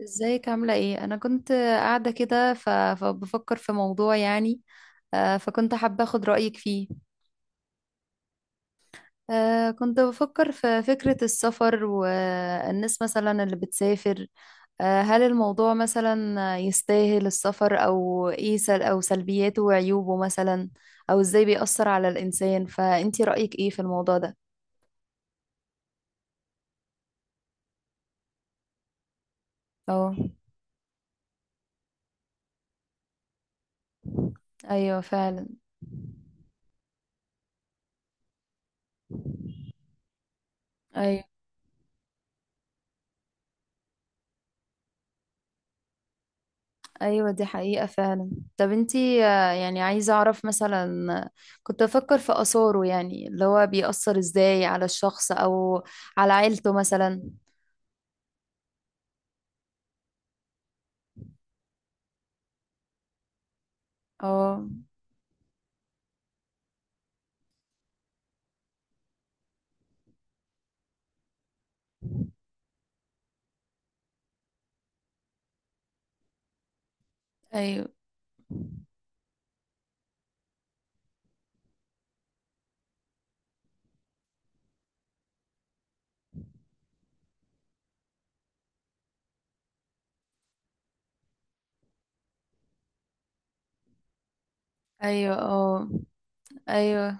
ازيك عاملة ايه؟ أنا كنت قاعدة كده فبفكر في موضوع يعني. فكنت حابة أخد رأيك فيه. كنت بفكر في فكرة السفر والناس مثلا اللي بتسافر. هل الموضوع مثلا يستاهل السفر، أو ايه أو سلبياته وعيوبه مثلا؟ أو ازاي بيأثر على الإنسان، فأنتي رأيك ايه في الموضوع ده؟ اه. أيوه فعلا. ايوه، ايوه، دي حقيقة فعلا. طب انتي يعني عايزة اعرف مثلا كنت بفكر في اثاره، يعني اللي هو بيأثر ازاي على الشخص او على عيلته مثلا. اه. ايوه. ايوه. اه. ايوه.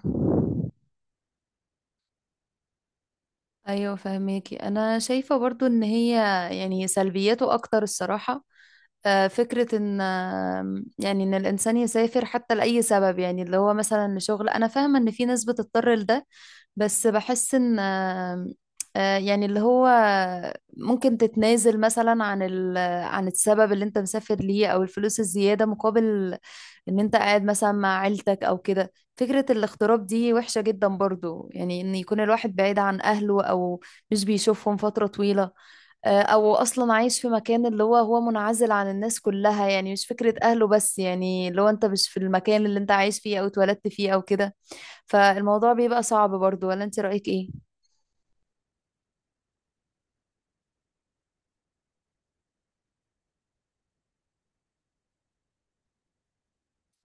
ايوه فهميكي، انا شايفة برضو ان هي يعني سلبياته اكتر الصراحة. فكرة إن يعني إن الإنسان يسافر حتى لأي سبب، يعني اللي هو مثلا لشغل، أنا فاهمة إن في ناس بتضطر لده. بس بحس إن يعني اللي هو ممكن تتنازل مثلا عن عن السبب اللي أنت مسافر ليه أو الفلوس الزيادة مقابل إن أنت قاعد مثلا مع عيلتك أو كده. فكرة الاغتراب دي وحشة جدا برضو، يعني إن يكون الواحد بعيد عن أهله أو مش بيشوفهم فترة طويلة. او اصلا عايش في مكان اللي هو منعزل عن الناس كلها، يعني مش فكرة اهله بس، يعني اللي هو انت مش في المكان اللي انت عايش فيه او اتولدت فيه او كده. فالموضوع بيبقى صعب برضو، ولا انت رأيك ايه؟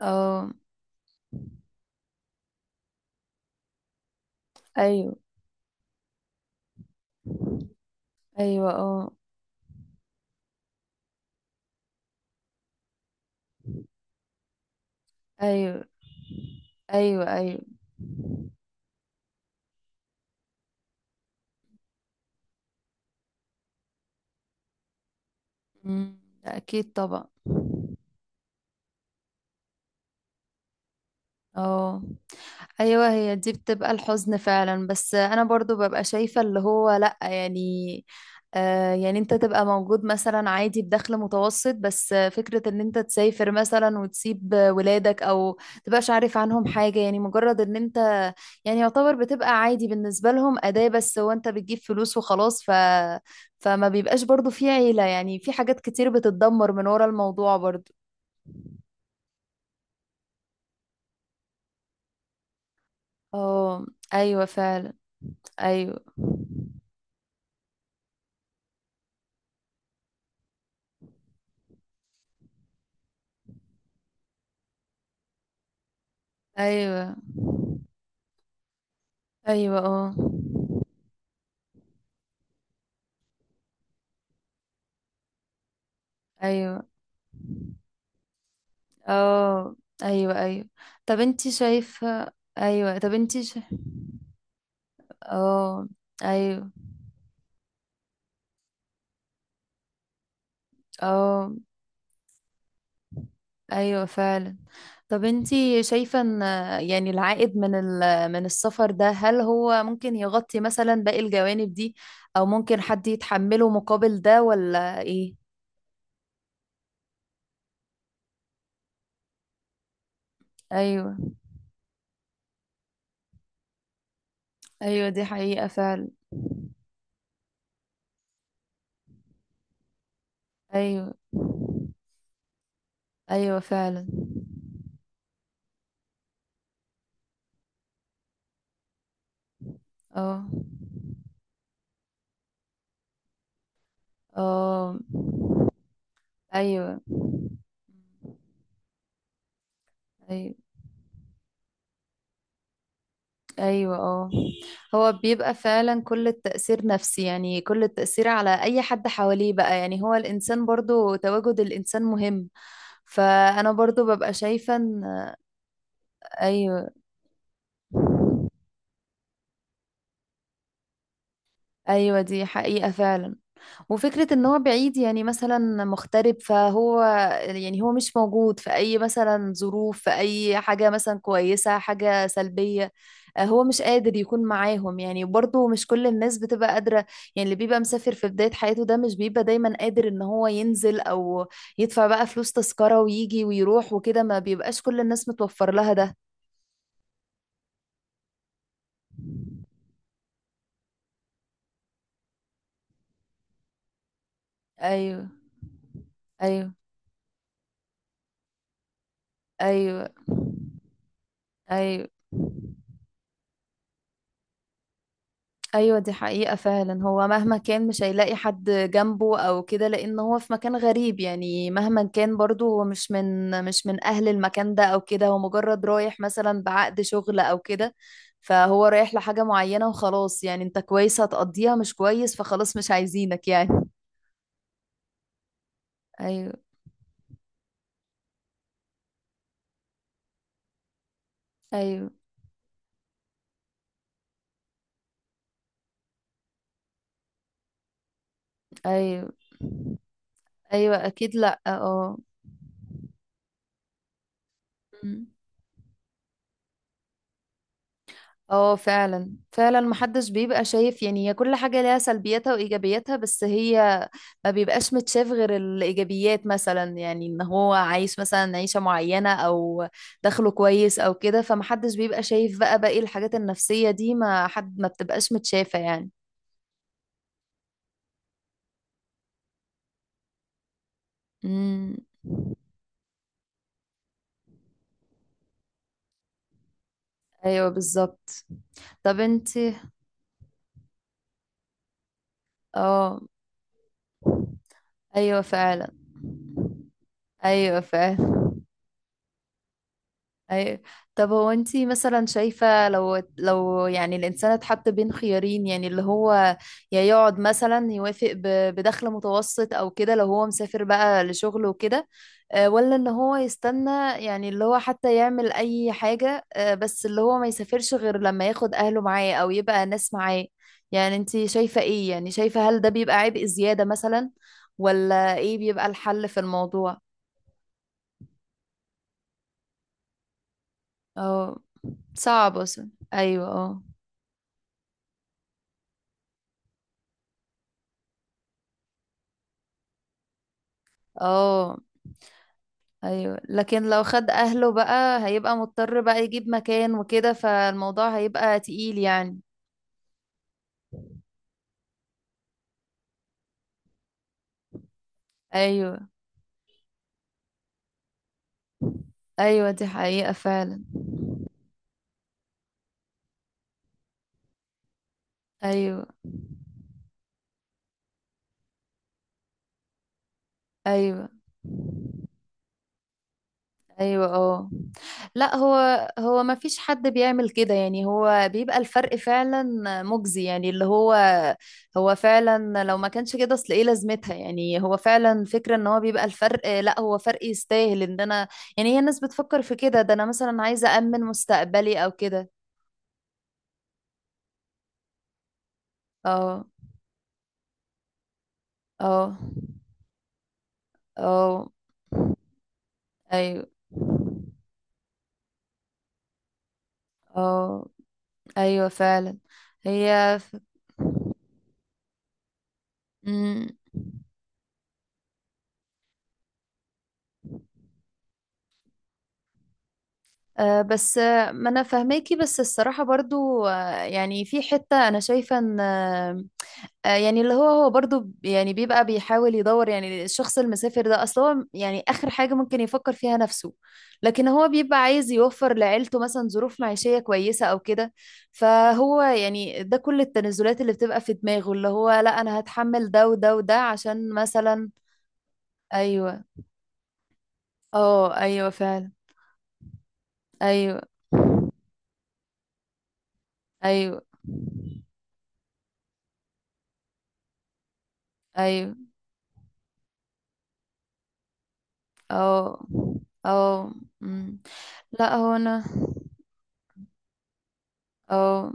اه. ايوه. ايوه. اه. ايوه. ايوه. ايوه. مم. اكيد طبعا. اه. ايوه هي دي بتبقى الحزن فعلا، بس انا برضو ببقى شايفة اللي هو لا يعني. يعني انت تبقى موجود مثلا عادي بدخل متوسط، بس فكرة ان انت تسافر مثلا وتسيب ولادك او تبقاش عارف عنهم حاجة، يعني مجرد ان انت يعني يعتبر بتبقى عادي بالنسبة لهم أداة، بس هو انت بتجيب فلوس وخلاص. فما بيبقاش برضو في عيلة، يعني في حاجات كتير بتتدمر من ورا الموضوع برضو. اه. ايوه فعلا. ايوه. ايوه. ايوه. اه. ايوه. اه. ايوه. ايوه. طب انتي شايفة. ايوه. اه. ايوه. اه. ايوه فعلا. طب انتي شايفة ان يعني العائد من من السفر ده، هل هو ممكن يغطي مثلا باقي الجوانب دي او ممكن حد يتحمله مقابل ده ولا ايه؟ ايوه. ايوه دي حقيقة فعلا. ايوه. ايوه فعلا. اه. اه. ايوه. ايوه. ايوه. اه. هو بيبقى فعلا كل التأثير نفسي، يعني كل التأثير على اي حد حواليه بقى، يعني هو الانسان برضو، تواجد الانسان مهم. فانا برضو ببقى شايفة ان ايوه. ايوه دي حقيقة فعلا. وفكرة ان هو بعيد، يعني مثلا مغترب، فهو يعني هو مش موجود في اي مثلا ظروف، في اي حاجة مثلا كويسة، حاجة سلبية. هو مش قادر يكون معاهم، يعني برضه مش كل الناس بتبقى قادرة. يعني اللي بيبقى مسافر في بداية حياته ده مش بيبقى دايما قادر ان هو ينزل او يدفع بقى فلوس تذكرة ويجي ويروح وكده، ما بيبقاش كل الناس متوفر لها ده. ايوه. ايوه. ايوه. ايوه. ايوه دي حقيقة فعلا. هو مهما كان مش هيلاقي حد جنبه او كده، لان هو في مكان غريب، يعني مهما كان برضه هو مش من اهل المكان ده او كده، هو مجرد رايح مثلا بعقد شغل او كده. فهو رايح لحاجة معينة وخلاص، يعني انت كويس هتقضيها، مش كويس فخلاص مش عايزينك يعني. ايوه. ايوه. ايوه. ايوه اكيد لا اه. اه فعلا فعلا محدش بيبقى شايف، يعني هي كل حاجة ليها سلبياتها وإيجابياتها، بس هي ما بيبقاش متشاف غير الإيجابيات مثلا، يعني إن هو عايش مثلا عيشة معينة أو دخله كويس أو كده، فمحدش بيبقى شايف بقى باقي الحاجات النفسية دي، ما حد ما بتبقاش متشافة يعني. امم. أيوه بالظبط. طب انت. اه. أيوه فعلا. أيوه فعلا. أي... طب هو انتي مثلا شايفة، لو يعني الإنسان اتحط بين خيارين، يعني اللي هو يا يقعد مثلا يوافق بدخل متوسط أو كده لو هو مسافر بقى لشغله وكده. ولا ان هو يستنى، يعني اللي هو حتى يعمل أي حاجة، بس اللي هو ما يسافرش غير لما ياخد أهله معاه أو يبقى ناس معاه. يعني انتي شايفة ايه، يعني شايفة هل ده بيبقى عبء زيادة مثلا ولا ايه بيبقى الحل في الموضوع؟ اه. صعب أصلا. ايوه. اه. اه. ايوه. لكن لو خد اهله بقى، هيبقى مضطر بقى يجيب مكان وكده، فالموضوع هيبقى تقيل يعني. ايوه. ايوه دي حقيقة فعلا. ايوه. ايوه. ايوه. اه. لا هو ما فيش حد بيعمل كده، يعني هو بيبقى الفرق فعلا مجزي، يعني اللي هو هو فعلا لو ما كانش كده اصل ايه لازمتها. يعني هو فعلا فكرة ان هو بيبقى الفرق، لا هو فرق يستاهل ان انا يعني. هي الناس بتفكر في كده ده، انا مثلا عايزة أأمن مستقبلي او كده. اه. اه. اه. ايوه. اه. ايوه فعلا. هي مم. بس ما انا فاهماكي، بس الصراحة برضو يعني في حتة انا شايفة ان يعني اللي هو برضو يعني بيبقى بيحاول يدور، يعني الشخص المسافر ده اصل هو يعني اخر حاجة ممكن يفكر فيها نفسه. لكن هو بيبقى عايز يوفر لعيلته مثلا ظروف معيشية كويسة او كده. فهو يعني ده كل التنازلات اللي بتبقى في دماغه، اللي هو لا انا هتحمل ده وده وده عشان مثلا. ايوه. اه. ايوه فعلا. ايوه. ايوه. ايوه. اه. اه. أمم. لا هو انا. اه.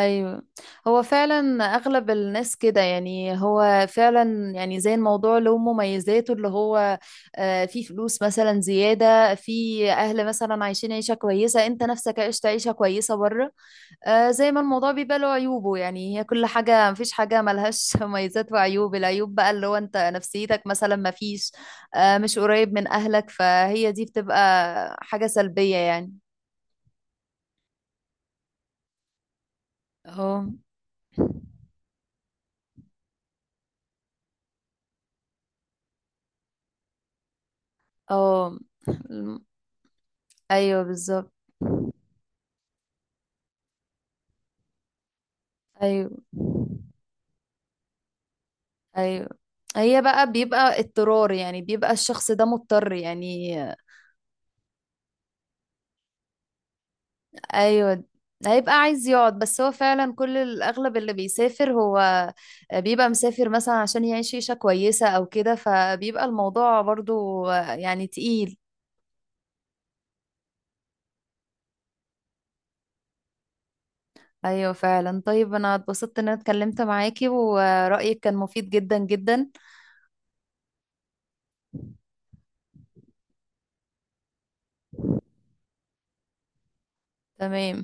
ايوه هو فعلا اغلب الناس كده، يعني هو فعلا، يعني زي الموضوع له مميزاته، اللي هو في فلوس مثلا زيادة، في اهل مثلا عايشين عيشة كويسة، انت نفسك عشت عيشة كويسة بره. زي ما الموضوع بيبقى له عيوبه، يعني هي كل حاجة، مفيش حاجة ملهاش مميزات وعيوب. العيوب بقى اللي هو انت نفسيتك مثلا مفيش مش قريب من أهلك، فهي دي بتبقى حاجة سلبية يعني. اه. اه. الم- ايوه بالظبط. ايوه. ايوه هي بقى بيبقى اضطرار، يعني بيبقى الشخص ده مضطر يعني. ايوه. هيبقى عايز يقعد، بس هو فعلا كل الاغلب اللي بيسافر هو بيبقى مسافر مثلا عشان يعيش عيشة كويسة او كده، فبيبقى الموضوع برضو يعني تقيل. ايوه فعلا. طيب انا اتبسطت ان انا اتكلمت معاكي ورأيك كان مفيد جدا جدا. تمام.